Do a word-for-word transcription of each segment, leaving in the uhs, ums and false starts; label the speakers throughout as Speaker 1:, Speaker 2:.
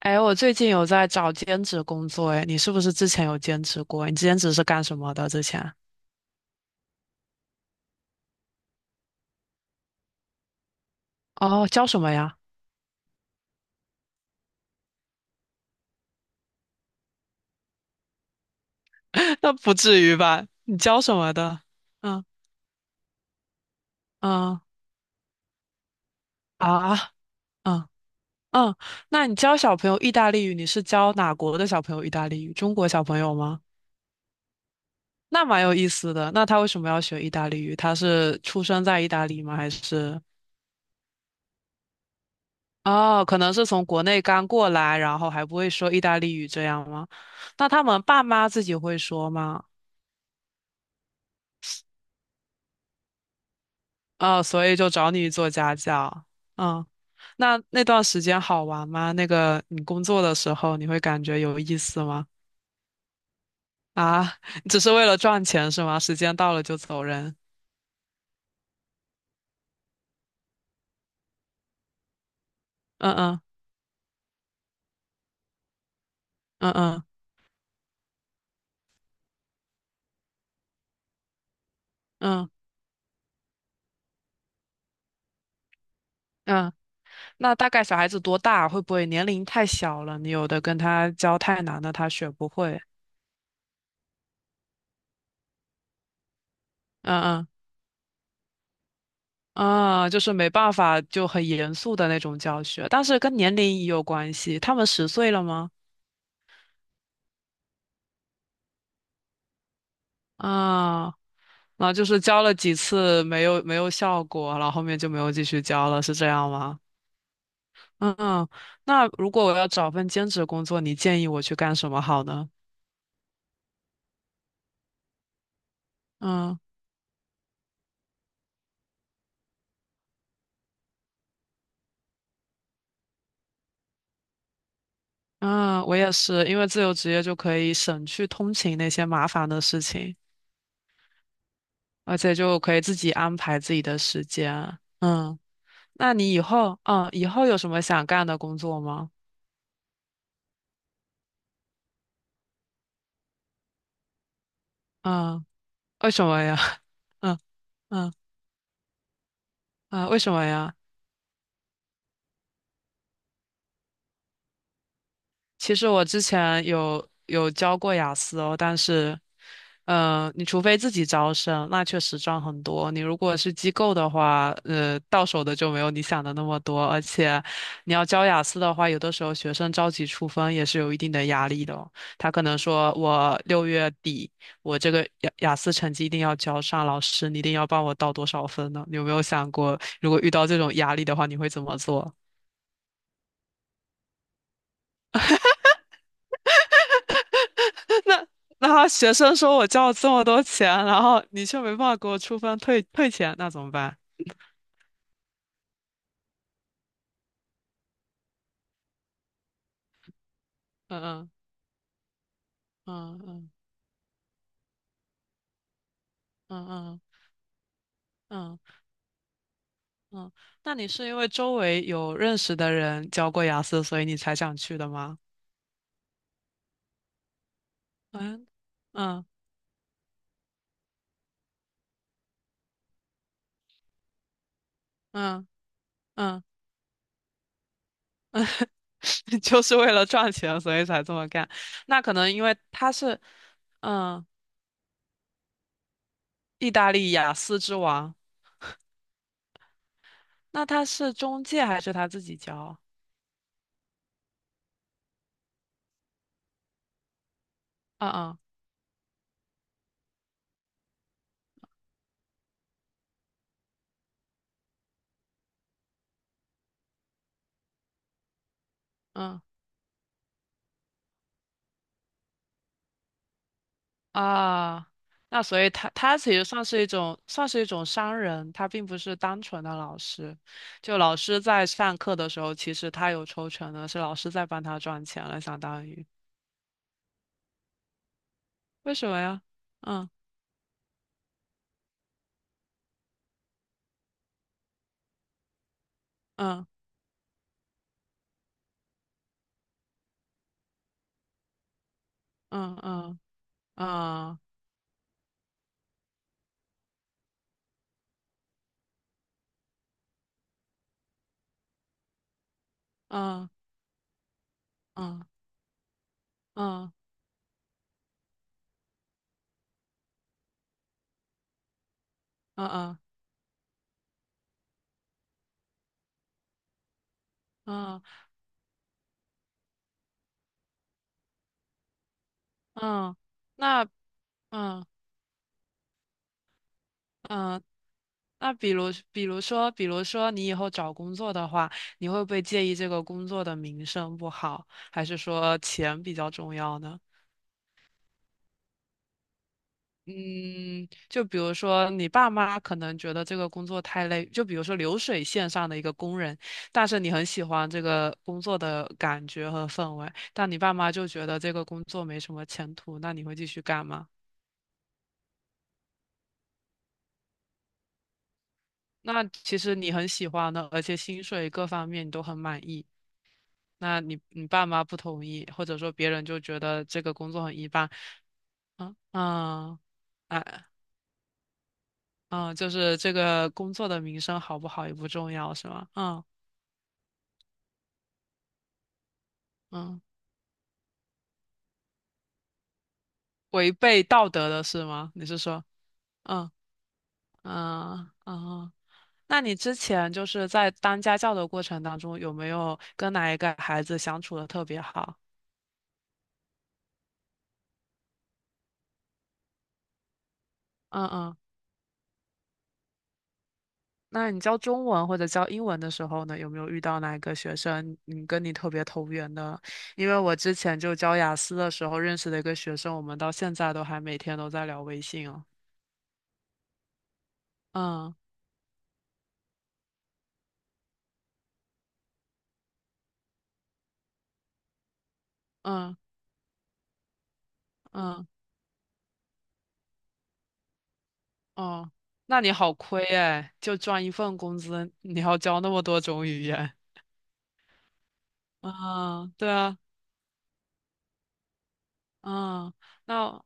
Speaker 1: 哎，我最近有在找兼职工作，哎，你是不是之前有兼职过？你兼职是干什么的？之前？哦，教什么呀？那不至于吧？你教什么的？嗯嗯。啊。嗯嗯，那你教小朋友意大利语，你是教哪国的小朋友意大利语？中国小朋友吗？那蛮有意思的。那他为什么要学意大利语？他是出生在意大利吗？还是？哦，可能是从国内刚过来，然后还不会说意大利语这样吗？那他们爸妈自己会说吗？哦，所以就找你做家教。嗯，那那段时间好玩吗？那个你工作的时候，你会感觉有意思吗？啊，只是为了赚钱是吗？时间到了就走人。嗯嗯嗯嗯嗯嗯。那大概小孩子多大？会不会年龄太小了？你有的跟他教太难了，他学不会。嗯嗯。啊，就是没办法，就很严肃的那种教学，但是跟年龄也有关系。他们十岁了吗？啊，那就是教了几次没有没有效果，然后后面就没有继续教了，是这样吗？嗯。嗯。那如果我要找份兼职工作，你建议我去干什么好呢？嗯嗯，我也是，因为自由职业就可以省去通勤那些麻烦的事情，而且就可以自己安排自己的时间。嗯，那你以后，嗯，以后有什么想干的工作吗？嗯，为什么呀？嗯嗯。啊，为什么呀？其实我之前有有教过雅思哦，但是，呃，你除非自己招生，那确实赚很多。你如果是机构的话，呃，到手的就没有你想的那么多，而且你要教雅思的话，有的时候学生着急出分也是有一定的压力的哦。他可能说我六月底我这个雅雅思成绩一定要交上，老师你一定要帮我到多少分呢？你有没有想过，如果遇到这种压力的话，你会怎么做？那那学生说我交了这么多钱，然后你却没办法给我出分退退钱，那怎么办？嗯嗯嗯嗯嗯嗯嗯嗯。那你是因为周围有认识的人教过雅思，所以你才想去的吗？嗯嗯嗯嗯。就是为了赚钱，所以才这么干。那可能因为他是嗯意大利雅思之王，那他是中介还是他自己教？嗯嗯嗯。啊，那所以他他其实算是一种算是一种商人，他并不是单纯的老师。就老师在上课的时候，其实他有抽成的，是老师在帮他赚钱了，相当于。为什么呀？嗯嗯嗯嗯嗯嗯嗯嗯嗯嗯嗯嗯。嗯那嗯嗯那比如，比如说，比如说，你以后找工作的话，你会不会介意这个工作的名声不好，还是说钱比较重要呢？嗯，就比如说你爸妈可能觉得这个工作太累，就比如说流水线上的一个工人，但是你很喜欢这个工作的感觉和氛围，但你爸妈就觉得这个工作没什么前途，那你会继续干吗？那其实你很喜欢的，而且薪水各方面你都很满意。那你你爸妈不同意，或者说别人就觉得这个工作很一般，嗯嗯。哎。嗯，就是这个工作的名声好不好也不重要，是吗？嗯嗯，违背道德的是吗？你是说，嗯嗯嗯，那你之前就是在当家教的过程当中，有没有跟哪一个孩子相处的特别好？嗯嗯。那你教中文或者教英文的时候呢，有没有遇到哪个学生你跟你特别投缘的？因为我之前就教雅思的时候认识的一个学生，我们到现在都还每天都在聊微信哦。嗯嗯嗯。哦，那你好亏哎，就赚一份工资，你要教那么多种语言。嗯，对啊。嗯。那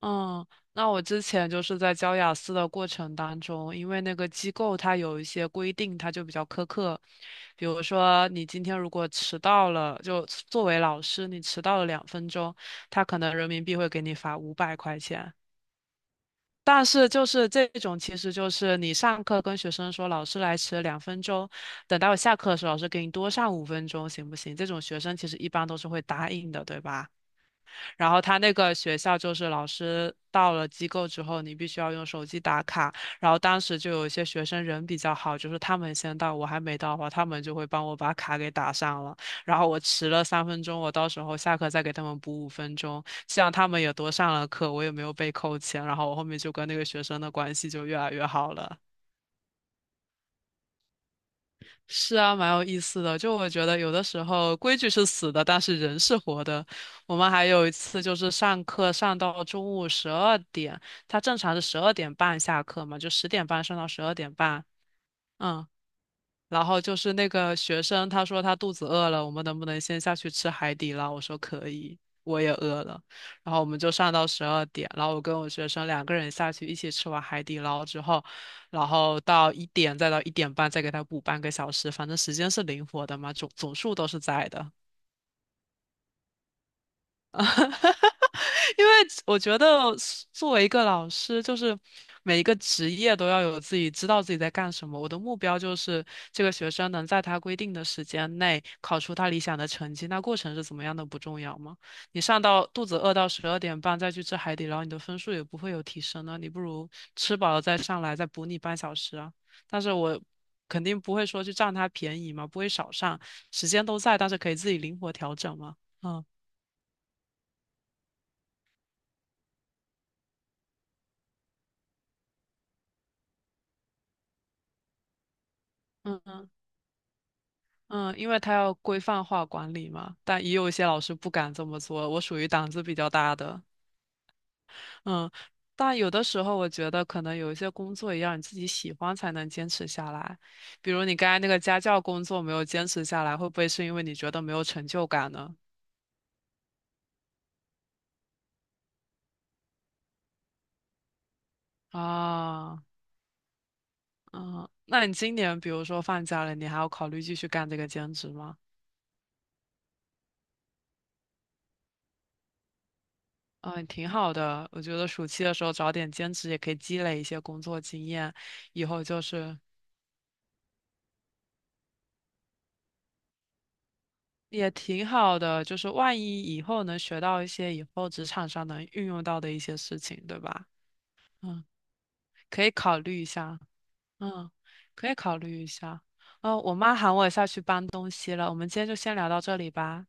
Speaker 1: 嗯，那我之前就是在教雅思的过程当中，因为那个机构它有一些规定，它就比较苛刻。比如说，你今天如果迟到了，就作为老师，你迟到了两分钟，他可能人民币会给你罚五百块钱。但是就是这种，其实就是你上课跟学生说老师来迟了两分钟，等到下课的时候老师给你多上五分钟，行不行？这种学生其实一般都是会答应的，对吧？然后他那个学校就是老师到了机构之后，你必须要用手机打卡。然后当时就有一些学生人比较好，就是他们先到，我还没到的话，他们就会帮我把卡给打上了。然后我迟了三分钟，我到时候下课再给他们补五分钟，这样他们也多上了课，我也没有被扣钱。然后我后面就跟那个学生的关系就越来越好了。是啊，蛮有意思的。就我觉得有的时候规矩是死的，但是人是活的。我们还有一次就是上课上到中午十二点，他正常是十二点半下课嘛，就十点半上到十二点半。嗯，然后就是那个学生，他说他肚子饿了，我们能不能先下去吃海底捞？我说可以，我也饿了。然后我们就上到十二点，然后我跟我学生两个人下去一起吃完海底捞之后，然后到一点再到一点半再给他补半个小时，反正时间是灵活的嘛，总总数都是在的。因为我觉得作为一个老师，就是每一个职业都要有自己知道自己在干什么。我的目标就是这个学生能在他规定的时间内考出他理想的成绩，那过程是怎么样的不重要吗？你上到肚子饿到十二点半再去吃海底捞，你的分数也不会有提升呢。你不如吃饱了再上来，再补你半小时啊。但是我肯定不会说去占他便宜嘛，不会少上，时间都在，但是可以自己灵活调整嘛。嗯嗯嗯，因为他要规范化管理嘛，但也有一些老师不敢这么做。我属于胆子比较大的，嗯，但有的时候我觉得可能有一些工作也要你自己喜欢才能坚持下来。比如你刚才那个家教工作没有坚持下来，会不会是因为你觉得没有成就感呢？啊。嗯，那你今年比如说放假了，你还要考虑继续干这个兼职吗？嗯，挺好的。我觉得暑期的时候找点兼职也可以积累一些工作经验，以后就是也挺好的，就是万一以后能学到一些以后职场上能运用到的一些事情，对吧？嗯，可以考虑一下。嗯，可以考虑一下。哦，我妈喊我下去搬东西了，我们今天就先聊到这里吧。